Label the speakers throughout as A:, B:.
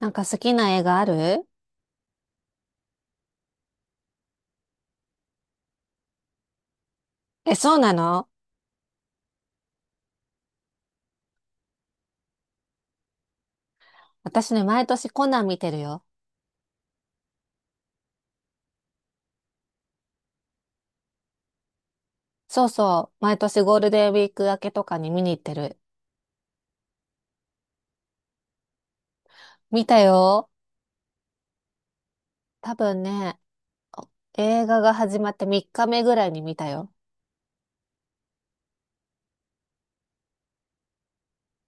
A: なんか好きな映画ある？え、そうなの？私ね、毎年コナン見てるよ。そうそう。毎年ゴールデンウィーク明けとかに見に行ってる。見たよ。多分ね、映画が始まって3日目ぐらいに見たよ。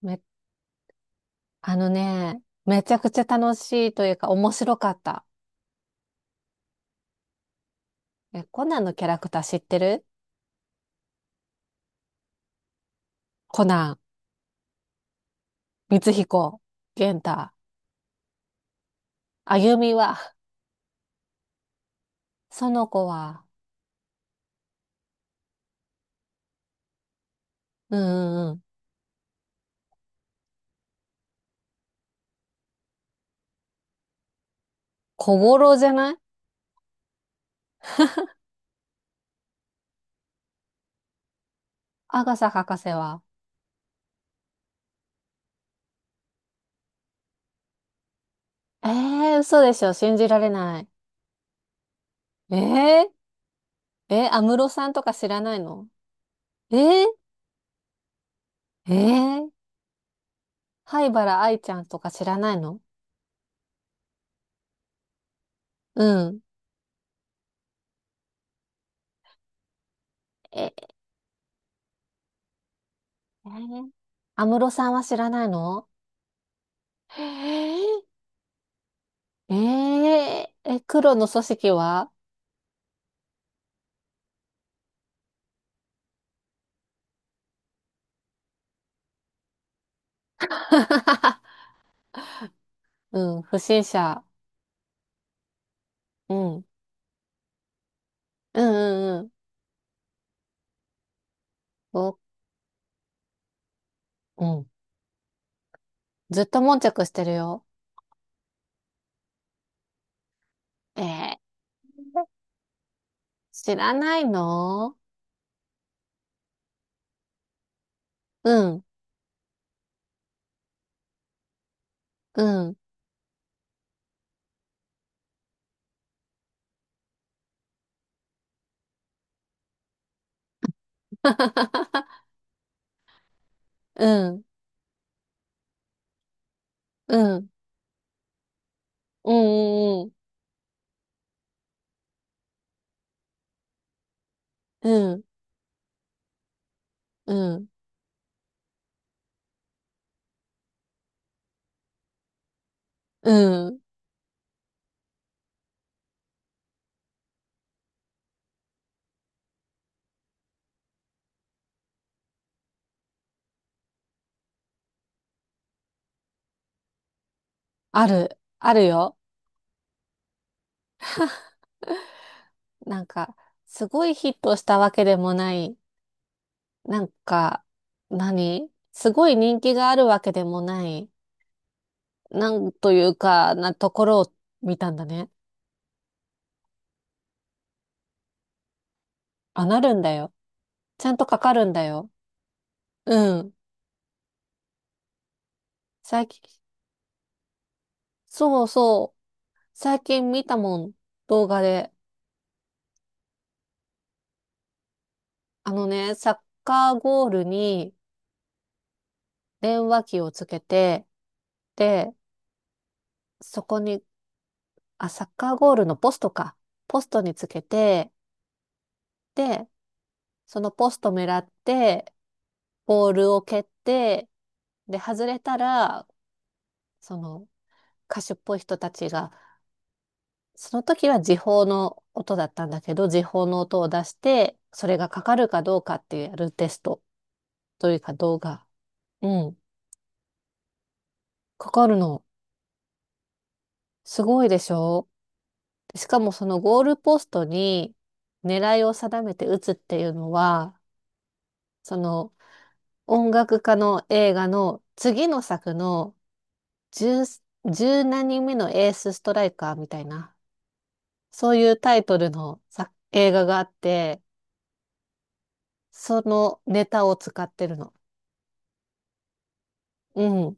A: め、あのね、めちゃくちゃ楽しいというか面白かった。え、コナンのキャラクター知ってる？コナン、光彦、玄太、あゆみは？その子は？うんうんうん。小五郎じゃない？アガサ博士は？ええー、嘘でしょ。信じられない。ええー、えー、安室さんとか知らないの？えー、えー、灰原哀ちゃんとか知らないの？うん。ええー、安室さんは知らないの？えー、えー、え、黒の組織は？ うん、不審者。うん。うんうんうん。お、うん。ずっと悶着してるよ。えー、知らないの？うん、うん。うん、うん。うん、うん、うん、うん。ある、あるよ。なんか、すごいヒットしたわけでもない。なんか、何すごい人気があるわけでもない。なんというか、なところを見たんだね。あ、なるんだよ。ちゃんとかかるんだよ。うん。最近、そうそう。最近見たもん。動画で。あのね、サッカーゴールに電話機をつけて、で、そこに、あ、サッカーゴールのポストか。ポストにつけて、で、そのポスト狙って、ボールを蹴って、で、外れたら、その歌手っぽい人たちが、その時は時報の音だったんだけど、時報の音を出して、それがかかるかどうかっていうやるテストというか動画。うん、かかるの。すごいでしょ？しかもそのゴールポストに狙いを定めて打つっていうのは、その音楽家の映画の次の作の十、十何人目のエースストライカーみたいな、そういうタイトルの作映画があって、そのネタを使ってるの。うん。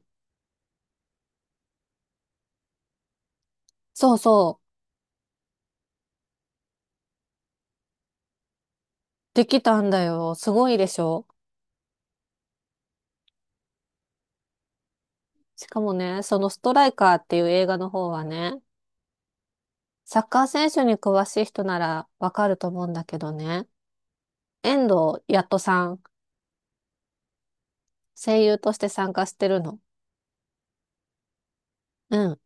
A: そうそう。できたんだよ。すごいでしょ。しかもね、そのストライカーっていう映画の方はね、サッカー選手に詳しい人ならわかると思うんだけどね、遠藤やっとさん、声優として参加してるの。うん。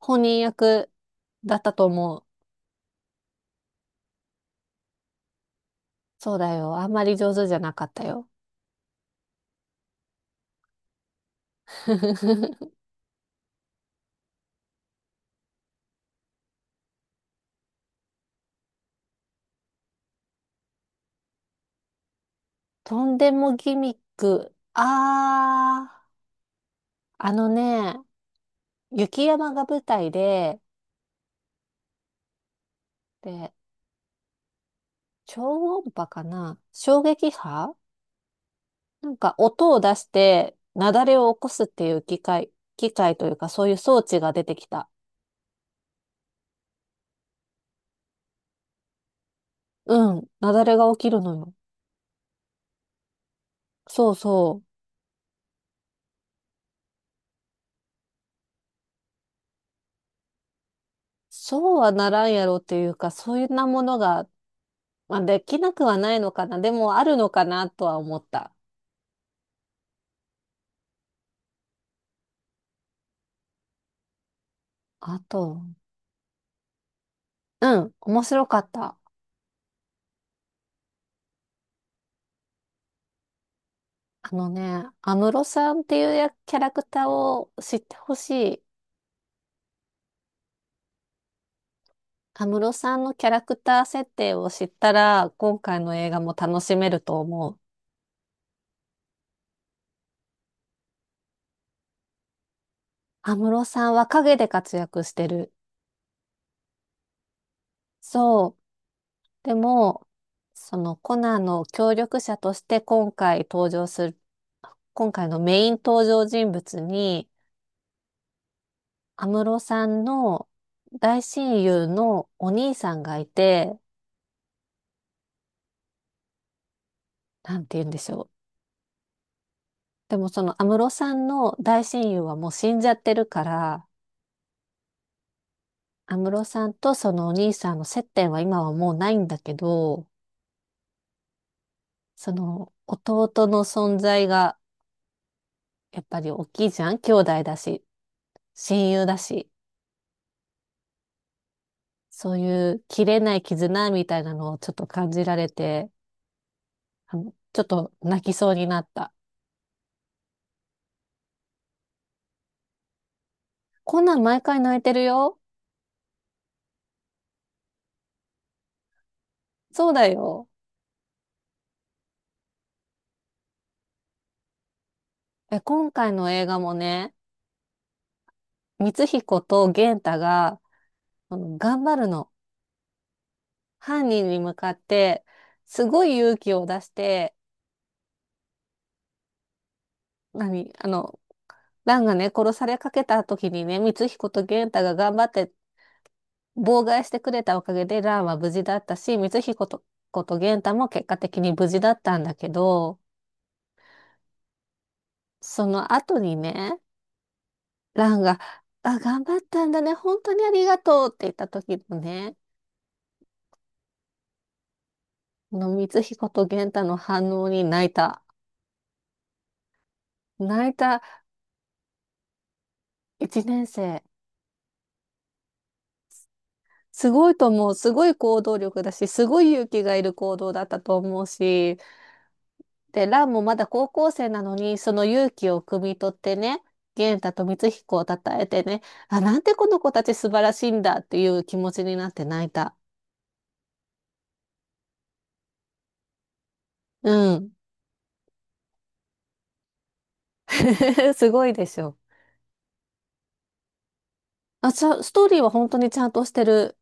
A: 本人役だったと思う。そうだよ。あんまり上手じゃなかったよ。とんでもギミック。あー、あのね、雪山が舞台で、で、超音波かな衝撃波、なんか音を出して雪崩を起こすっていう機械、機械というかそういう装置が出てきた。うん、雪崩が起きるのよ。そうそう。そうはならんやろっていうか、そういうなものが、まあ、できなくはないのかな。でもあるのかなとは思った。あと、うん、面白かった。あのね、安室さんっていうやキャラクターを知ってほしい。安室さんのキャラクター設定を知ったら、今回の映画も楽しめると思う。安室さんは陰で活躍してる。そう。でも、そのコナンの協力者として今回登場する、今回のメイン登場人物に、安室さんの大親友のお兄さんがいて、なんて言うんでしょう。でもその安室さんの大親友はもう死んじゃってるから、安室さんとそのお兄さんの接点は今はもうないんだけど、その弟の存在がやっぱり大きいじゃん、兄弟だし、親友だし、そういう切れない絆みたいなのをちょっと感じられて、あの、ちょっと泣きそうになった。こんなん毎回泣いてるよ。そうだよ。え、今回の映画もね、光彦と玄太が、あの頑張るの。犯人に向かって、すごい勇気を出して、何、あの、蘭がね、殺されかけた時にね、光彦と玄太が頑張って妨害してくれたおかげで、蘭は無事だったし、光彦と、こと源太も結果的に無事だったんだけど、その後にね、蘭が、あ、頑張ったんだね、本当にありがとうって言った時のね、この光彦と玄太の反応に泣いた。泣いた。一年生。すごいと思う。すごい行動力だし、すごい勇気がいる行動だったと思うし、で、ランもまだ高校生なのに、その勇気を汲み取ってね、元太と光彦を称えてね、あ、なんてこの子たち素晴らしいんだっていう気持ちになって泣いた。うん。すごいでしょ。ストーリーは本当にちゃんとしてる。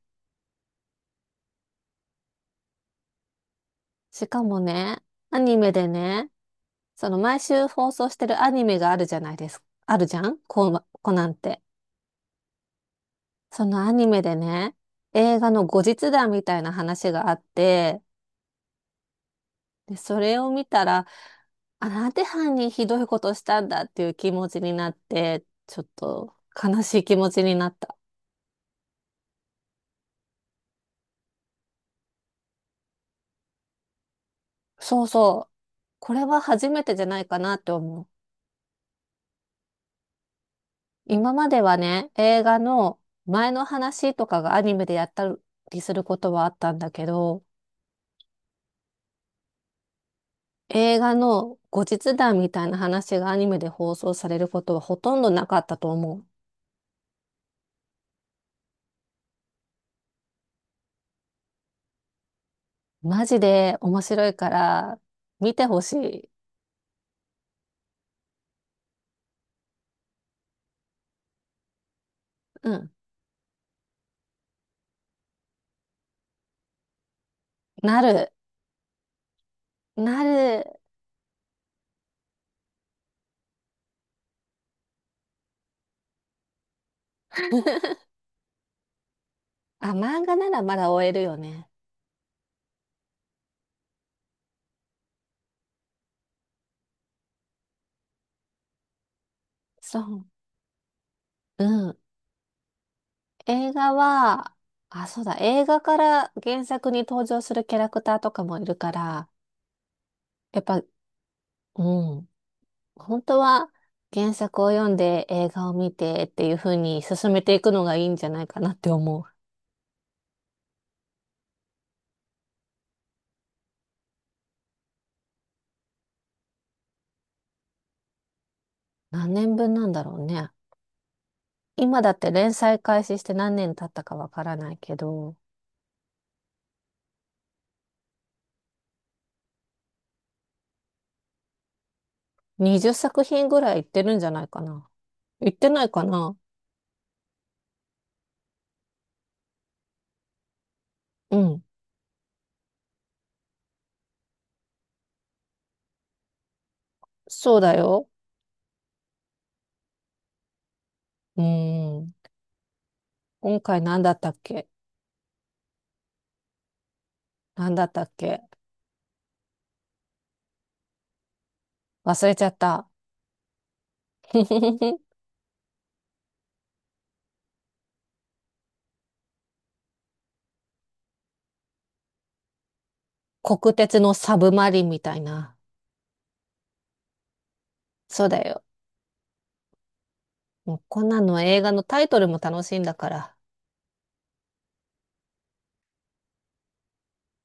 A: しかもね、アニメでね、その毎週放送してるアニメがあるじゃないですか。あるじゃん、コナンって。そのアニメでね、映画の後日談みたいな話があって、で、それを見たら、あ、なんで犯人ひどいことしたんだっていう気持ちになって、ちょっと悲しい気持ちになった。そうそう。これは初めてじゃないかなって思う。今まではね、映画の前の話とかがアニメでやったりすることはあったんだけど、映画の後日談みたいな話がアニメで放送されることはほとんどなかったと思う。マジで面白いから、見てほしい。うん。なる。なる。あ、漫画ならまだ終えるよね。そう。うん。映画は、あ、そうだ。映画から原作に登場するキャラクターとかもいるから、やっぱ、うん。本当は原作を読んで映画を見てっていう風に進めていくのがいいんじゃないかなって思う。何年分なんだろうね。今だって連載開始して何年経ったかわからないけど。20作品ぐらい行ってるんじゃないかな。行ってないかな。うん。そうだよ。うーん。今回何だったっけ？何だったっけ？忘れちゃった。国鉄のサブマリンみたいな。そうだよ。もうこんなの映画のタイトルも楽しいんだから。